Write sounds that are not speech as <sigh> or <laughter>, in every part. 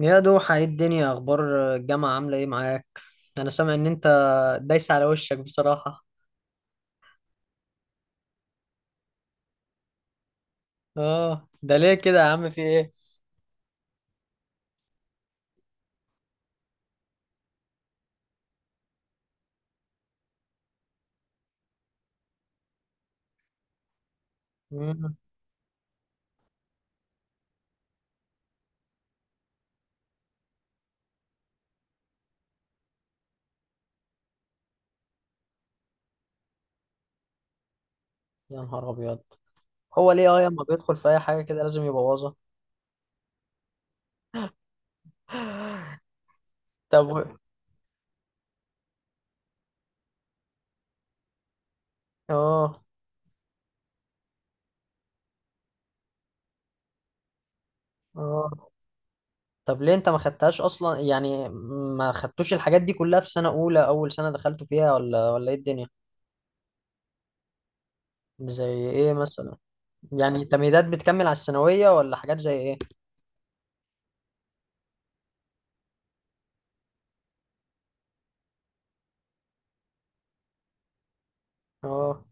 يا دوحة، ايه الدنيا؟ اخبار الجامعة عاملة ايه معاك؟ انا سامع ان انت دايس على وشك بصراحة. اه، ده ليه كده يا عم، في ايه؟ مم. يا نهار ابيض، هو ليه لما بيدخل في اي حاجة كده لازم يبوظها؟ <laughs> طب و- اه. اه. طب ليه انت ما خدتهاش اصلا يعني؟ ما خدتوش الحاجات دي كلها في سنة اولى، اول سنة دخلتوا فيها، ولا ايه الدنيا؟ زي ايه مثلا؟ يعني تمهيدات بتكمل على الثانوية ولا حاجات زي ايه؟ اه.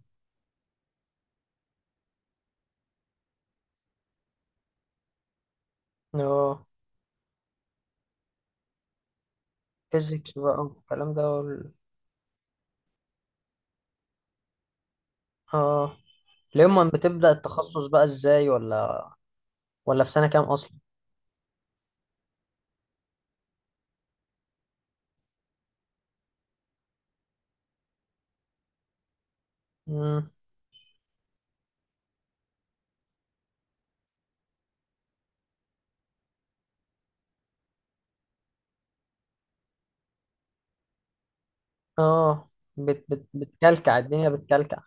اه. فيزيكس بقى والكلام ده اه، لما بتبدأ التخصص بقى ازاي؟ ولا في سنة كام اصلا؟ مم. اه، بتكلكع الدنيا، بتكلكع.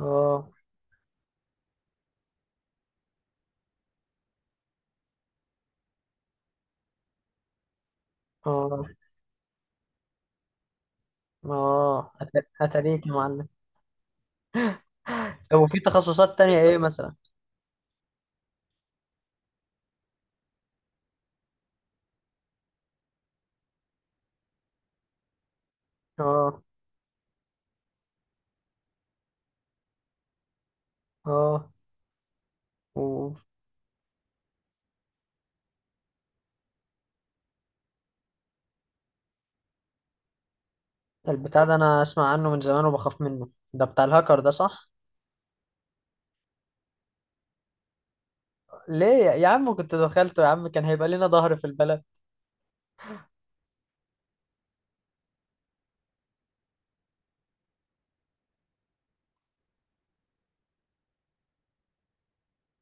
اه. اه. اه، اتاريك يا معلم. طب، وفي تخصصات تانية ايه مثلا؟ اه. اه. و... البتاع ده انا اسمع عنه من زمان وبخاف منه، ده بتاع الهاكر ده، صح؟ ليه يا عم، كنت دخلته يا عم، كان هيبقى لنا ظهر في البلد.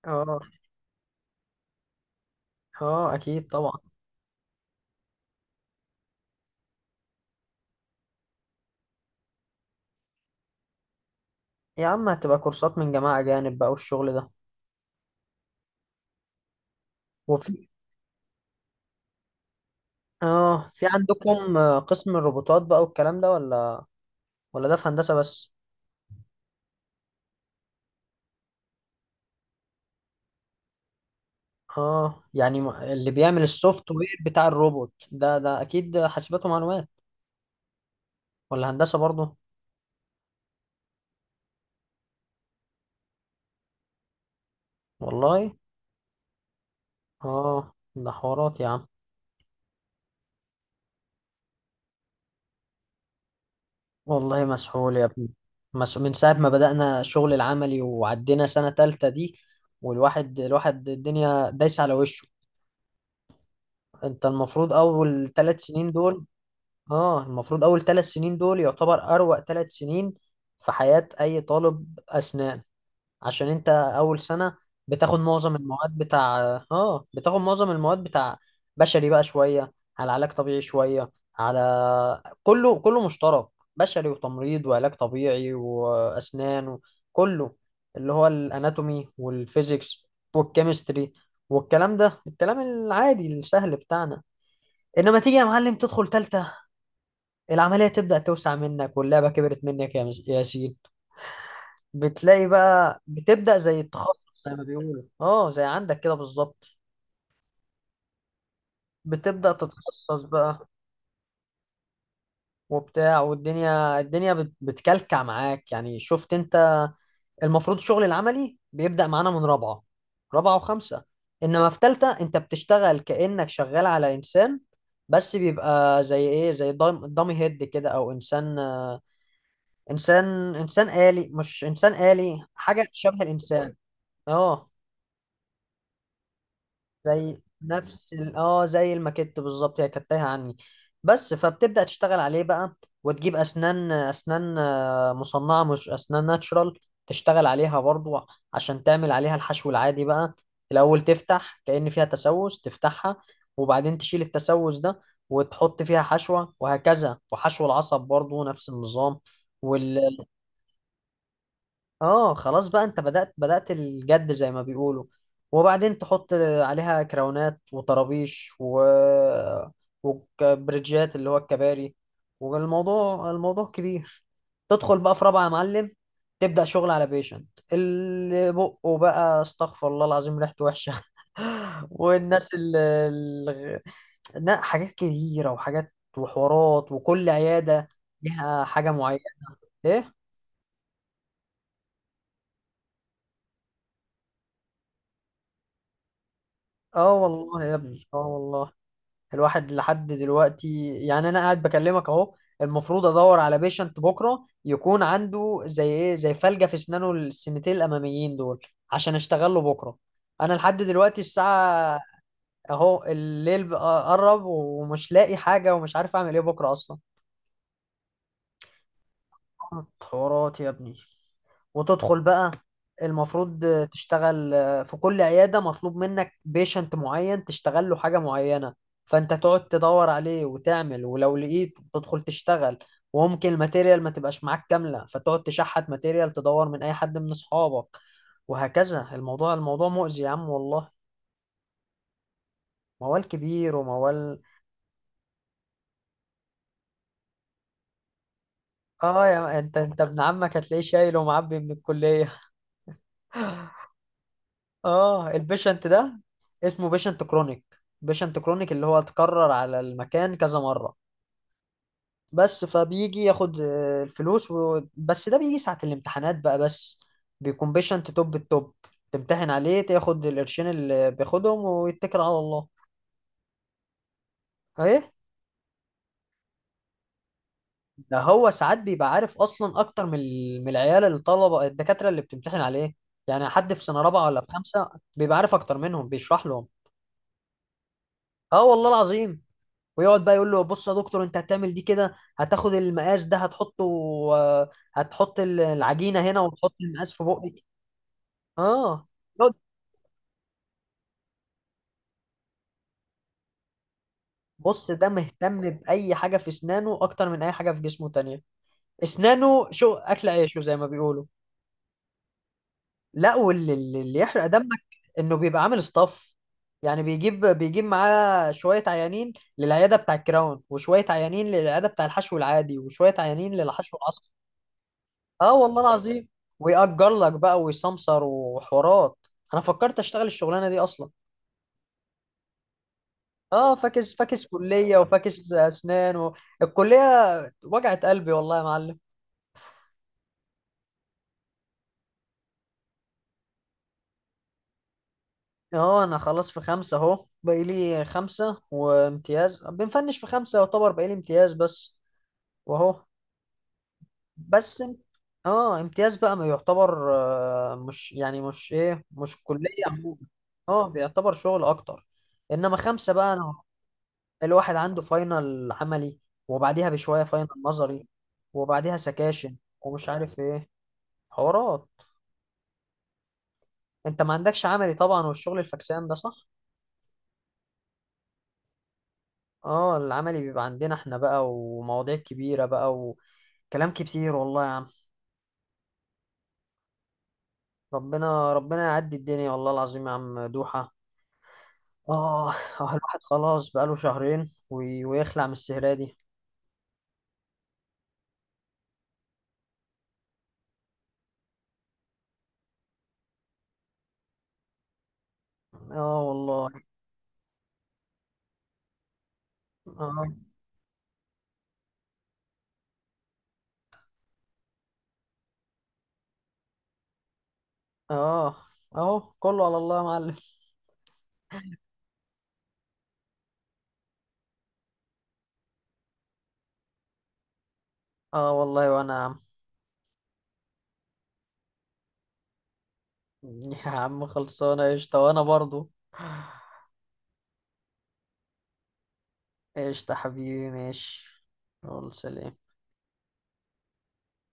اه. اه، اكيد طبعا. يا عم، هتبقى كورسات من جماعة أجانب بقى والشغل ده. وفي اه في عندكم قسم الروبوتات بقى والكلام ده، ولا ده في هندسة بس؟ اه، يعني اللي بيعمل السوفت وير بتاع الروبوت ده، ده اكيد حاسبات ومعلومات ولا هندسة برضه؟ والله. اه، ده حوارات يا عم. والله مسحول يا ابني. من ساعة ما بدأنا الشغل العملي وعدينا سنة تالتة دي، والواحد الدنيا دايسة على وشه. انت المفروض اول 3 سنين دول. اه المفروض اول ثلاث سنين دول يعتبر اروع 3 سنين في حياة اي طالب اسنان. عشان انت اول سنة بتاخد معظم المواد بتاع. اه بتاخد معظم المواد بتاع بشري بقى شوية، على علاج طبيعي شوية، على، كله، كله مشترك. بشري وتمريض وعلاج طبيعي واسنان، كله. اللي هو الاناتومي والفيزيكس والكيمستري والكلام ده، الكلام العادي السهل بتاعنا. انما تيجي يا معلم تدخل تالتة، العملية تبدأ توسع منك واللعبة كبرت منك يا يا ياسين. بتلاقي بقى بتبدأ زي التخصص زي ما بيقولوا، اه، زي عندك كده بالظبط. بتبدأ تتخصص بقى وبتاع، والدنيا الدنيا بتكلكع معاك يعني، شفت انت؟ المفروض الشغل العملي بيبدأ معانا من رابعة، رابعة وخمسة. انما في تالتة، انت بتشتغل كأنك شغال على انسان، بس بيبقى زي ايه، زي دامي هيد كده، او انسان. انسان آلي، مش انسان آلي، حاجة شبه الانسان. اه، زي نفس ال- اه زي الماكيت بالظبط، هي كانت تايهة عني، بس. فبتبدأ تشتغل عليه بقى، وتجيب اسنان مصنعة، مش اسنان ناتشرال. تشتغل عليها برضو عشان تعمل عليها الحشو العادي بقى. الاول تفتح كأن فيها تسوس، تفتحها، وبعدين تشيل التسوس ده، وتحط فيها حشوة، وهكذا. وحشو العصب برضو نفس النظام. اه، خلاص بقى، انت بدأت الجد زي ما بيقولوا. وبعدين تحط عليها كراونات وطرابيش وبرجيات اللي هو الكباري. والموضوع الموضوع كبير. تدخل بقى في رابعة يا معلم، تبدأ شغل على بيشنت اللي بقه بقى استغفر الله العظيم ريحته وحشة. <laughs> والناس اللي اللي- لا، حاجات كتيرة، وحاجات، وحوارات، وكل عيادة ليها حاجة معينة. ايه. اه والله يا ابني، اه والله. الواحد لحد دلوقتي يعني، انا قاعد بكلمك اهو، المفروض ادور على بيشنت بكره يكون عنده زي ايه، زي فلجة في اسنانه السنتين الاماميين دول، عشان اشتغل له بكره. انا لحد دلوقتي الساعه اهو الليل بقى قرب، ومش لاقي حاجه ومش عارف اعمل ايه بكره اصلا. حوارات يا ابني. وتدخل بقى، المفروض تشتغل، في كل عيادة مطلوب منك بيشنت معين تشتغل له حاجة معينة. فانت تقعد تدور عليه، وتعمل، ولو لقيت تدخل تشتغل. وممكن الماتيريال ما تبقاش معاك كاملة، فتقعد تشحت ماتيريال، تدور من اي حد من اصحابك، وهكذا. الموضوع الموضوع مؤذي يا عم والله. موال كبير وموال. اه، يا انت ابن عمك هتلاقيه شايل ومعبي من الكلية. <laughs> اه، البيشنت ده اسمه بيشنت كرونيك. بيشنت كرونيك اللي هو اتكرر على المكان كذا مرة بس، فبيجي ياخد الفلوس بس ده بيجي ساعة الامتحانات بقى بس، بيكون بيشنت توب التوب، تمتحن عليه، تاخد القرشين اللي بياخدهم ويتكل على الله. ايه. ده هو ساعات بيبقى عارف اصلا اكتر من من العيال، الطلبة الدكاترة اللي بتمتحن عليه، يعني حد في سنة رابعة ولا في خمسة. بيبقى عارف اكتر منهم، بيشرح لهم. اه والله العظيم. ويقعد بقى يقول له: بص يا دكتور، انت هتعمل دي كده، هتاخد المقاس ده، هتحطه، هتحط العجينة هنا، وتحط المقاس في بقك. اه، يقعد- بص، ده مهتم بأي حاجة في اسنانه اكتر من اي حاجة في جسمه تانية. اسنانه شو اكل عيشه زي ما بيقولوا. لا، واللي اللي اللي يحرق دمك انه بيبقى عامل اصطاف. يعني بيجيب معاه شوية عيانين للعيادة بتاع الكراون، وشوية عيانين للعيادة بتاع الحشو العادي، وشوية عيانين للحشو العصب. اه والله العظيم. ويأجر لك بقى، ويسمسر، وحوارات. انا فكرت اشتغل الشغلانه دي اصلا. اه، فاكس كليه، وفاكس اسنان الكليه وجعت قلبي والله يا معلم. اه، انا خلاص في خمسه اهو، باقي لي خمسه وامتياز بنفنش. في خمسه يعتبر باقي لي امتياز بس، واهو. بس ام- اه امتياز بقى ما يعتبر، مش يعني، مش ايه، مش كليه عموما. اه، بيعتبر شغل اكتر. انما خمسه بقى، انا الواحد عنده فاينل عملي، وبعديها بشوية فاينل نظري، وبعديها سكاشن ومش عارف ايه، حوارات. انت ما عندكش عملي طبعا، والشغل الفكسان ده، صح؟ اه، العملي بيبقى عندنا احنا بقى، ومواضيع كبيرة بقى، وكلام كتير والله يا عم. ربنا ربنا يعدي الدنيا والله العظيم يا عم دوحة. اه، الواحد خلاص بقاله شهرين ويخلع من السهرة دي. اه والله. اه. اه اهو كله على الله يا معلم. اه والله وانا. يا عم خلصانة قشطة، وأنا برضو. قشطة حبيبي، ماشي. يلا، سلام.